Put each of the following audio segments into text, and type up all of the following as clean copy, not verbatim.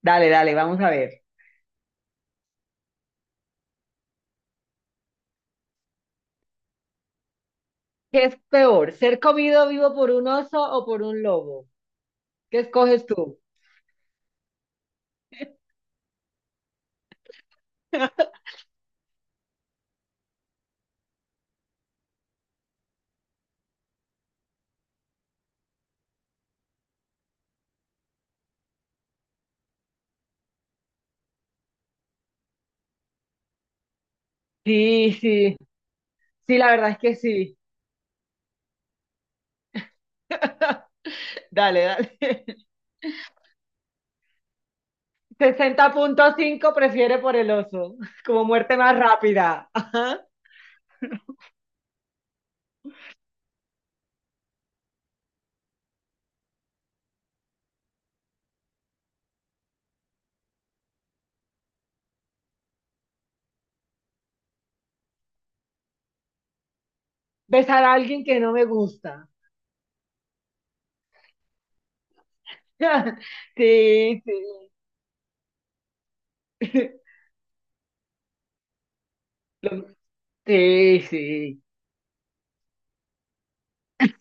Dale, dale, vamos a ver. ¿Qué es peor, ser comido vivo por un oso o por un lobo? ¿Qué escoges tú? Sí, sí, sí, la verdad es que sí. Dale, dale. 60,5 prefiere por el oso, como muerte más rápida. Ajá. Besar a alguien que no me gusta. Sí, sí. Lo- Sí, sí.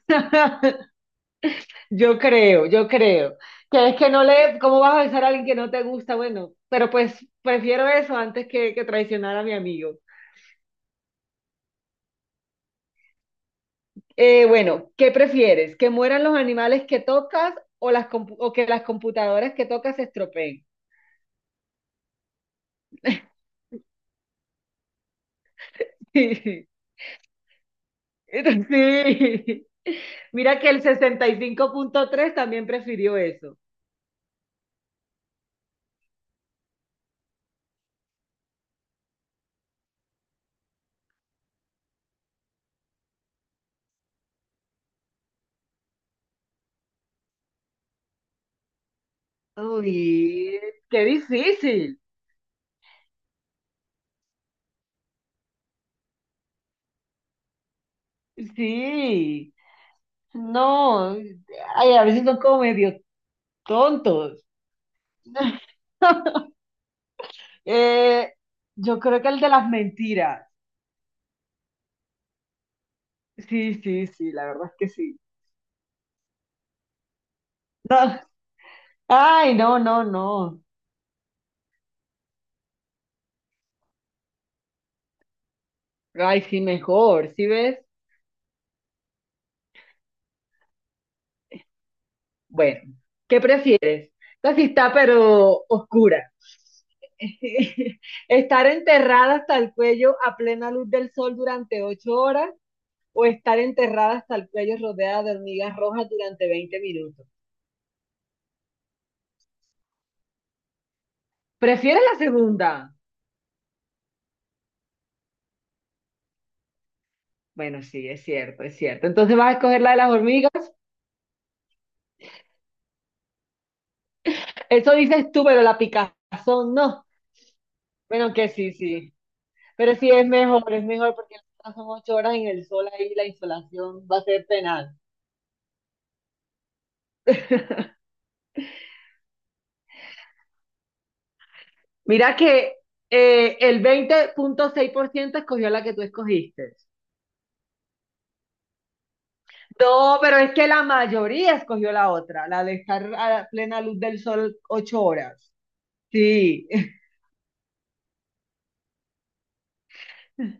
Yo creo, yo creo. Que es que no le, ¿cómo vas a besar a alguien que no te gusta? Bueno, pero pues prefiero eso antes que traicionar a mi amigo. Bueno, ¿qué prefieres? ¿Que mueran los animales que tocas o, o que las computadoras que tocas se estropeen? Sí. Mira que el 65,3 también prefirió eso. Uy, qué difícil. Sí. No, ay, a veces son como medio tontos. Eh, yo creo que el de las mentiras. Sí, sí, sí, la verdad es que sí. No. Ay, no, no, no. Ay, sí, mejor, ¿sí ves? Bueno, ¿qué prefieres? Esta sí está, pero oscura. ¿Estar enterrada hasta el cuello a plena luz del sol durante 8 horas o estar enterrada hasta el cuello rodeada de hormigas rojas durante 20 minutos? ¿Prefieres la segunda? Bueno, sí, es cierto, es cierto. Entonces vas a escoger la de las hormigas. Eso dices tú, pero la picazón no. Bueno, que sí, sí. Pero sí es mejor porque las otras son 8 horas en el sol ahí, la insolación va a ser penal. Mira que el 20,6% escogió la que tú escogiste. No, pero es que la mayoría escogió la otra, la de estar a la plena luz del sol 8 horas. Sí.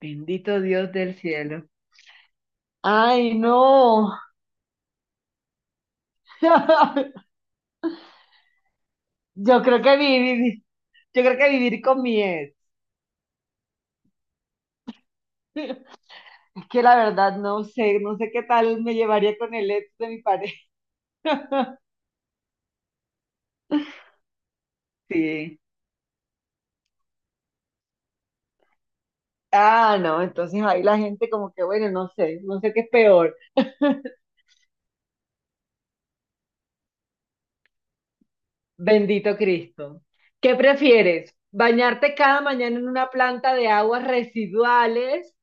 Bendito Dios del cielo. Ay, no. Yo creo que vivir, yo creo que vivir con mi ex. Es que la verdad no sé, no sé qué tal me llevaría con el ex de mi pareja. Sí. Ah, no, entonces ahí la gente como que, bueno, no sé, no sé qué es peor. Bendito Cristo. ¿Qué prefieres? ¿Bañarte cada mañana en una planta de aguas residuales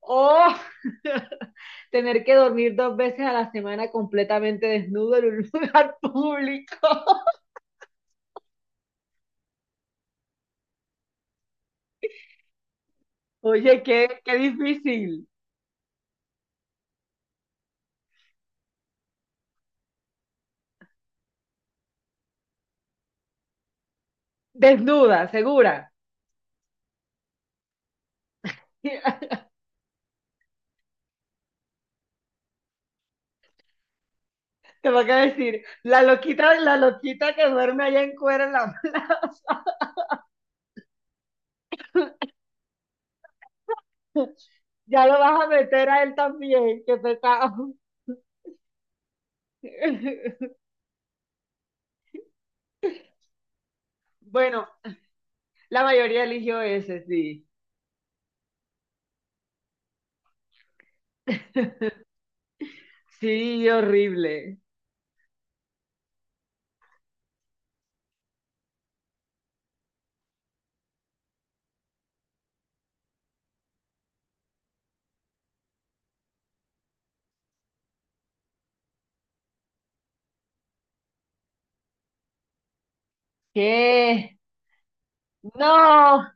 o tener que dormir 2 veces a la semana completamente desnudo en un lugar público? Oye, qué, qué difícil. Desnuda, segura. Te van a decir, la loquita que duerme allá en cuero, en la- ya lo vas a meter a él también, qué pecado. Bueno, la mayoría eligió ese, sí. Sí, horrible. ¿Qué? No,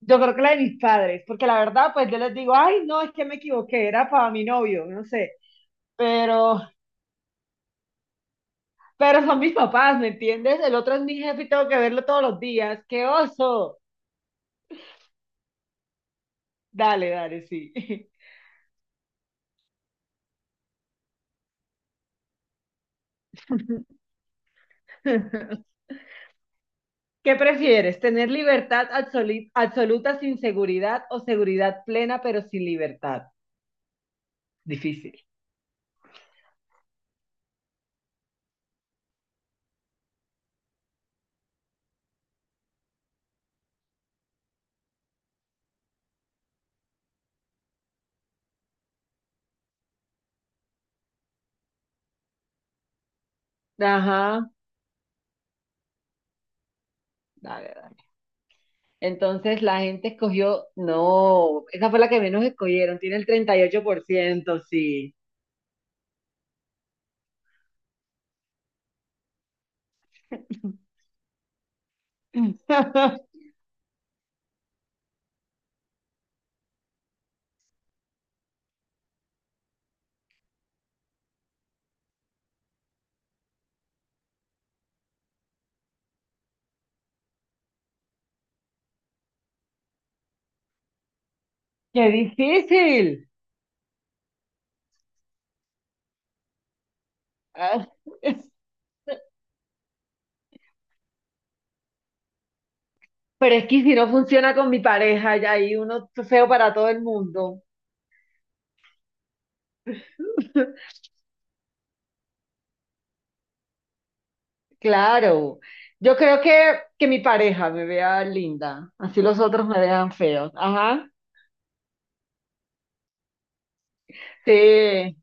yo creo que la de mis padres, porque la verdad, pues yo les digo, ay, no, es que me equivoqué, era para mi novio, no sé. Pero Pero son mis papás, ¿me entiendes? El otro es mi jefe y tengo que verlo todos los días. ¡Qué oso! Dale, dale, sí. ¿Qué prefieres? ¿Tener libertad absoluta sin seguridad o seguridad plena pero sin libertad? Difícil. Ajá, dale, dale. Entonces la gente escogió, no, esa fue la que menos escogieron, tiene el 38%, sí. ¡Qué difícil! Ah. Pero es que si no funciona con mi pareja, ya hay uno feo para todo el mundo. Claro. Yo creo que mi pareja me vea linda. Así los otros me vean feos. Ajá. Sí,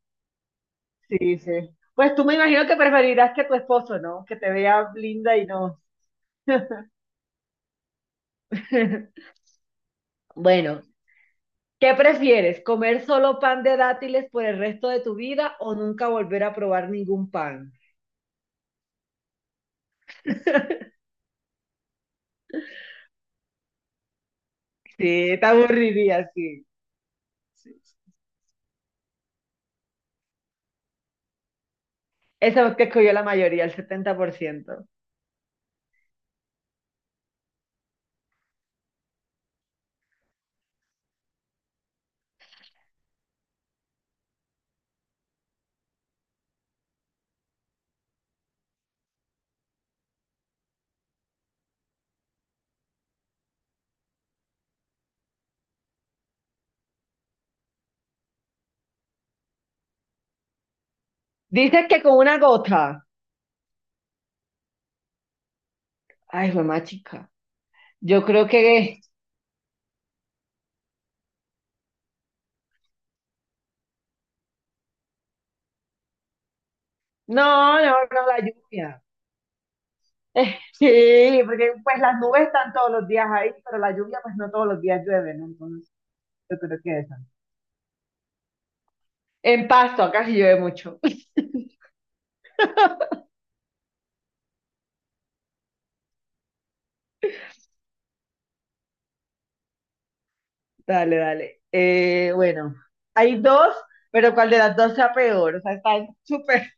sí, sí. Pues tú me imagino que preferirás que tu esposo, ¿no? Que te vea linda y no. Bueno, ¿qué prefieres? ¿Comer solo pan de dátiles por el resto de tu vida o nunca volver a probar ningún pan? Sí, te aburriría, sí. Sí, Esa que escogió la mayoría, el 70%. Dice que con una gota. Ay, mamá chica. Yo creo que... No, no, no, la lluvia. Sí, porque pues las nubes están todos los días ahí, pero la lluvia pues no todos los días llueve, ¿no? Entonces, yo creo que esa. En Pasto, acá sí llueve mucho. Dale, dale. Bueno, hay dos, pero ¿cuál de las dos sea peor? O sea, están súper,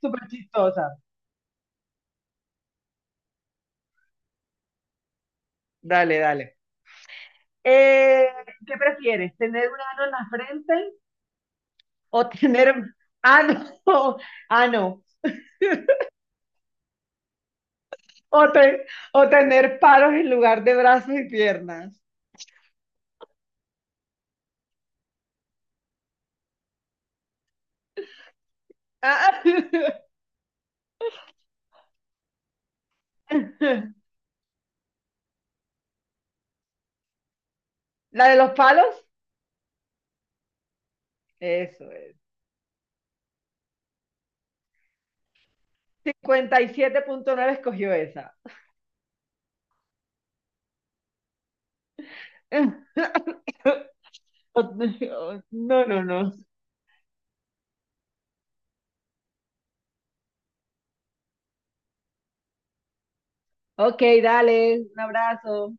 súper chistosas. Dale, dale. Eh, ¿Qué prefieres? ¿Tener un ano en la frente o tener, ano, ah no, ah no, o, te- o tener palos en lugar de brazos y piernas? Ah, la de los palos, eso es. 57,9 escogió esa. No, no, no. Ok, dale, un abrazo.